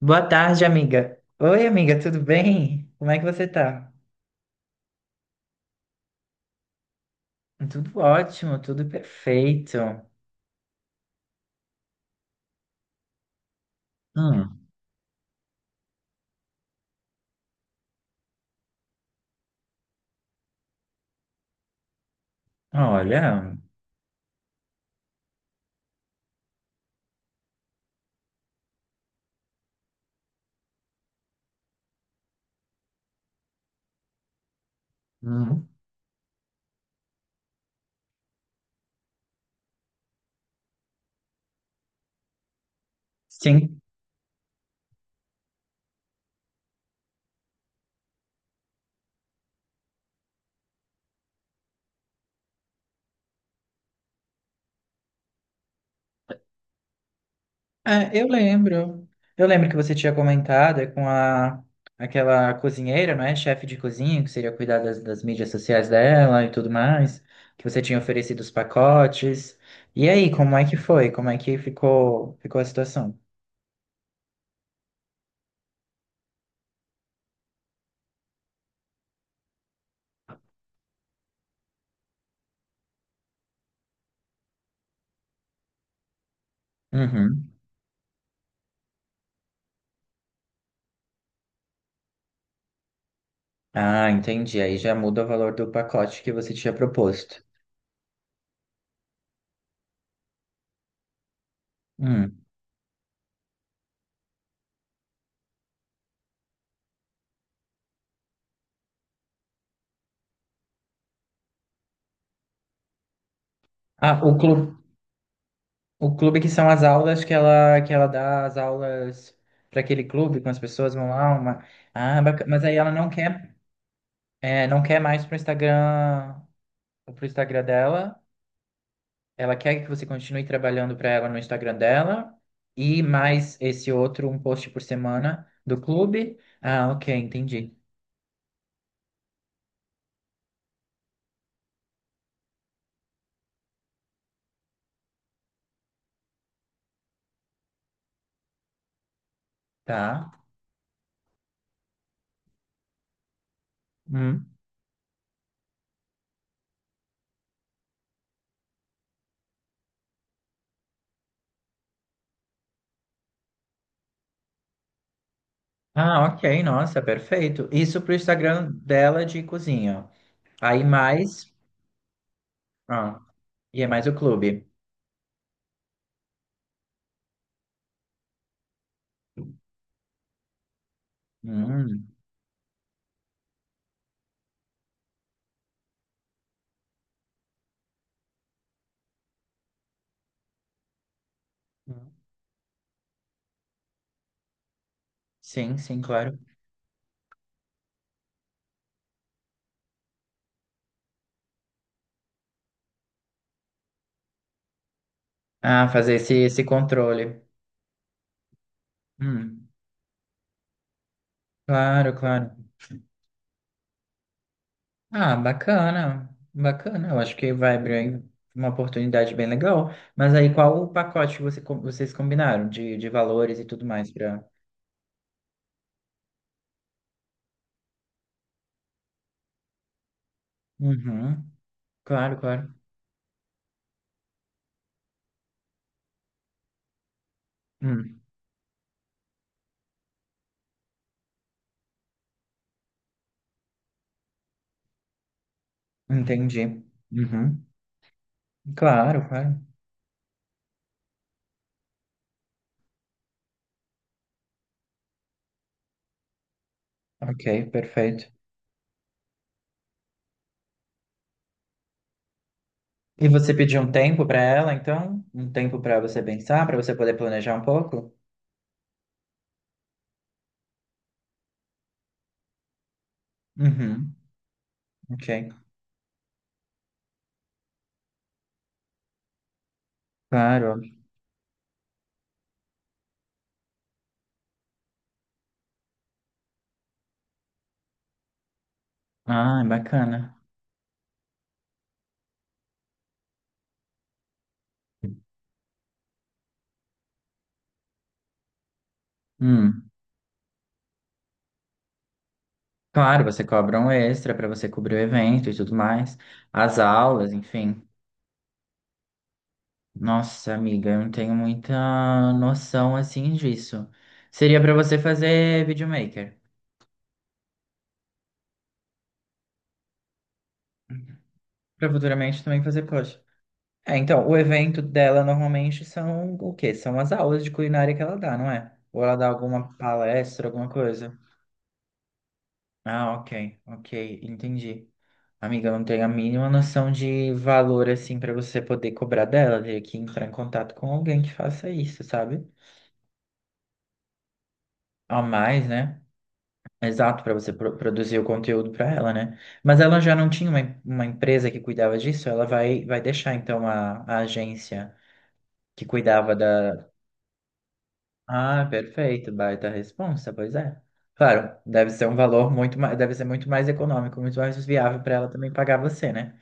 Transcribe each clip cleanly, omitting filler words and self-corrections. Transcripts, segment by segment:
Boa tarde, amiga. Oi, amiga, tudo bem? Como é que você tá? Tudo ótimo, tudo perfeito. Hum, olha, hum, sim. É, eu lembro. Eu lembro que você tinha comentado com a aquela cozinheira, não é? Chefe de cozinha, que seria cuidar das mídias sociais dela e tudo mais, que você tinha oferecido os pacotes. E aí, como é que foi? Como é que ficou, ficou a situação? Uhum. Ah, entendi. Aí já muda o valor do pacote que você tinha proposto. Hum. Ah, o clube que são as aulas que ela dá as aulas para aquele clube, com as pessoas vão lá, uma... Ah, bacana. Mas aí ela não quer, é, não quer mais pro Instagram dela. Ela quer que você continue trabalhando para ela no Instagram dela e mais esse outro, um post por semana do clube. Ah, ok, entendi. Tá. Hum. Ah, ok, nossa, perfeito. Isso pro Instagram dela de cozinha. Aí mais, ah, e é mais o clube. Hum, sim, sim, claro. Ah, fazer esse, esse controle. Hum, claro, claro. Ah, bacana, bacana. Eu acho que vai abrir uma oportunidade bem legal. Mas aí, qual o pacote que você, vocês combinaram de valores e tudo mais para... Uhum, claro, claro. Hum, entendi. Uhum, claro, claro. Ok, perfeito. E você pediu um tempo para ela, então? Um tempo para você pensar, para você poder planejar um pouco? Uhum, ok. Claro, ah, bacana. Hum. Claro, você cobra um extra para você cobrir o evento e tudo mais. As aulas, enfim. Nossa, amiga, eu não tenho muita noção assim disso. Seria para você fazer videomaker, para futuramente também fazer post. É, então, o evento dela normalmente são o quê? São as aulas de culinária que ela dá, não é? Ou ela dá alguma palestra, alguma coisa? Ah, ok, ok, entendi. Amiga, eu não tenho a mínima noção de valor, assim, pra você poder cobrar dela. Teria que entrar em contato com alguém que faça isso, sabe? A mais, né? Exato, pra você produzir o conteúdo pra ela, né? Mas ela já não tinha uma, uma empresa que cuidava disso? Ela vai, vai deixar, então, a agência que cuidava da. Ah, perfeito, baita responsa, pois é. Claro, deve ser um valor muito mais, deve ser muito mais econômico, muito mais viável pra ela também pagar você, né?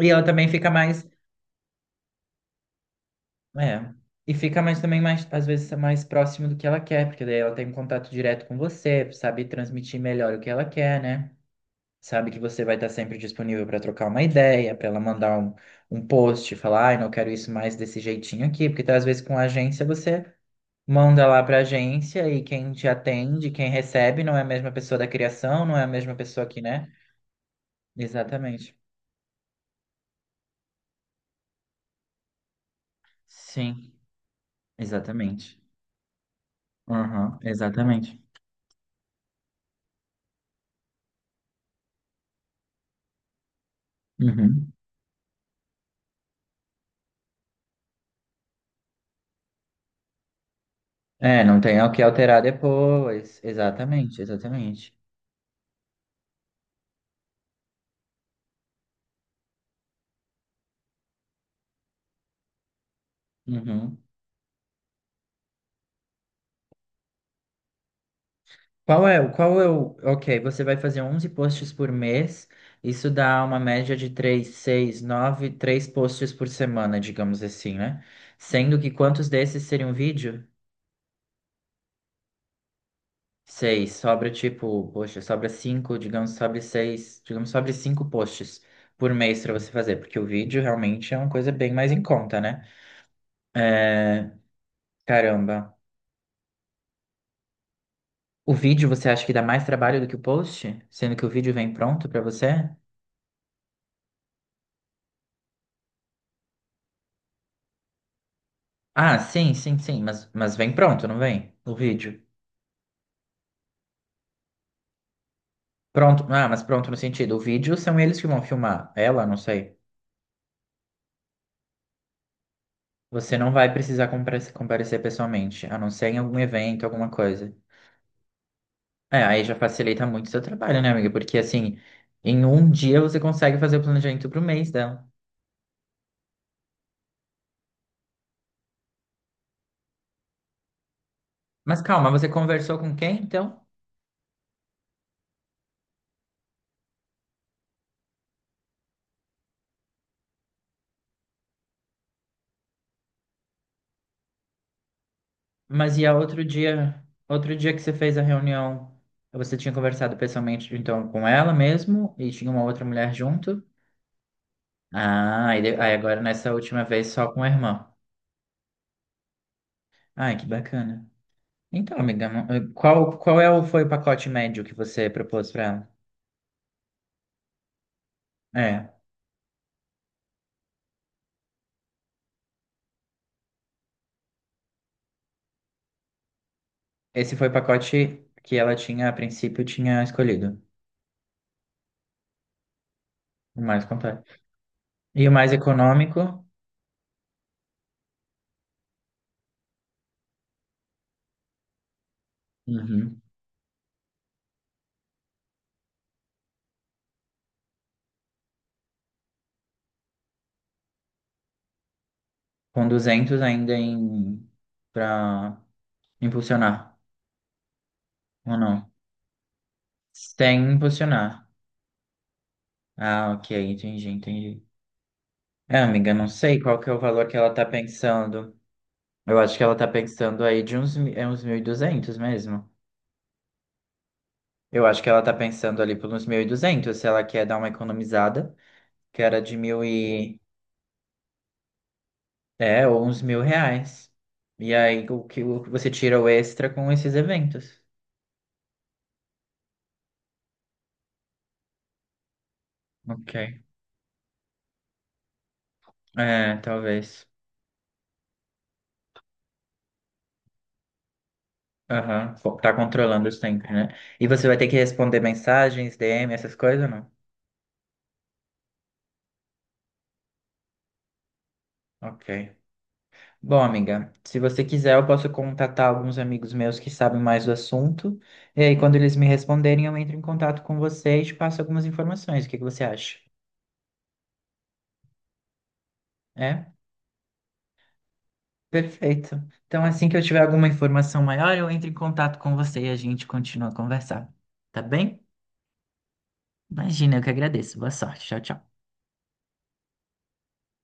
E ela também fica mais é. E fica mais também mais, às vezes, mais próximo do que ela quer, porque daí ela tem um contato direto com você, sabe transmitir melhor o que ela quer, né? Sabe que você vai estar sempre disponível para trocar uma ideia, para ela mandar um, um post, falar, ai, não quero isso mais desse jeitinho aqui, porque tá, às vezes com a agência você manda lá para a agência e quem te atende, quem recebe, não é a mesma pessoa da criação, não é a mesma pessoa que, né? Exatamente. Sim, exatamente. Aham, exatamente. Uhum. É, não tem o que alterar depois. Exatamente, exatamente. Uhum. Qual é, qual é o... Ok, você vai fazer 11 posts por mês. Isso dá uma média de 3, 6, 9, 3 posts por semana, digamos assim, né? Sendo que quantos desses seriam vídeo? 6. Sobra tipo, poxa, sobra 5, digamos, sobra 6, digamos, sobra 5 posts por mês pra você fazer, porque o vídeo realmente é uma coisa bem mais em conta, né? É... Caramba. O vídeo você acha que dá mais trabalho do que o post? Sendo que o vídeo vem pronto pra você? Ah, sim, sim, sim, mas vem pronto, não vem? O vídeo. Pronto, ah, mas pronto no sentido, o vídeo são eles que vão filmar, ela, não sei. Você não vai precisar comparecer pessoalmente, a não ser em algum evento, alguma coisa. É, aí já facilita muito o seu trabalho, né, amiga? Porque assim, em um dia você consegue fazer o planejamento pro mês dela. Mas calma, você conversou com quem, então? Mas e a outro dia que você fez a reunião, você tinha conversado pessoalmente então com ela mesmo e tinha uma outra mulher junto? Ah, aí agora nessa última vez só com a irmã. Ai, que bacana. Então, amiga, qual qual é o foi o pacote médio que você propôs para ela? É, esse foi o pacote que ela tinha a princípio tinha escolhido, o mais completo. E o mais econômico, uhum. Com 200 ainda em para impulsionar ou não? Sem impulsionar. Ah, ok, entendi, entendi. É, amiga, não sei qual que é o valor que ela tá pensando. Eu acho que ela tá pensando aí de uns, é uns 1.200 mesmo. Eu acho que ela tá pensando ali por uns 1.200, se ela quer dar uma economizada, que era de mil e... É, ou uns 1.000 reais. E aí, o que você tira o extra com esses eventos. Ok. É, talvez. Aham. Pô, tá controlando os tempos, né? E você vai ter que responder mensagens, DM, essas coisas ou não? Ok. Bom, amiga, se você quiser, eu posso contatar alguns amigos meus que sabem mais do assunto. E aí, quando eles me responderem, eu entro em contato com você e te passo algumas informações. O que que você acha? É? Perfeito. Então, assim que eu tiver alguma informação maior, eu entro em contato com você e a gente continua a conversar. Tá bem? Imagina, eu que agradeço. Boa sorte. Tchau, tchau.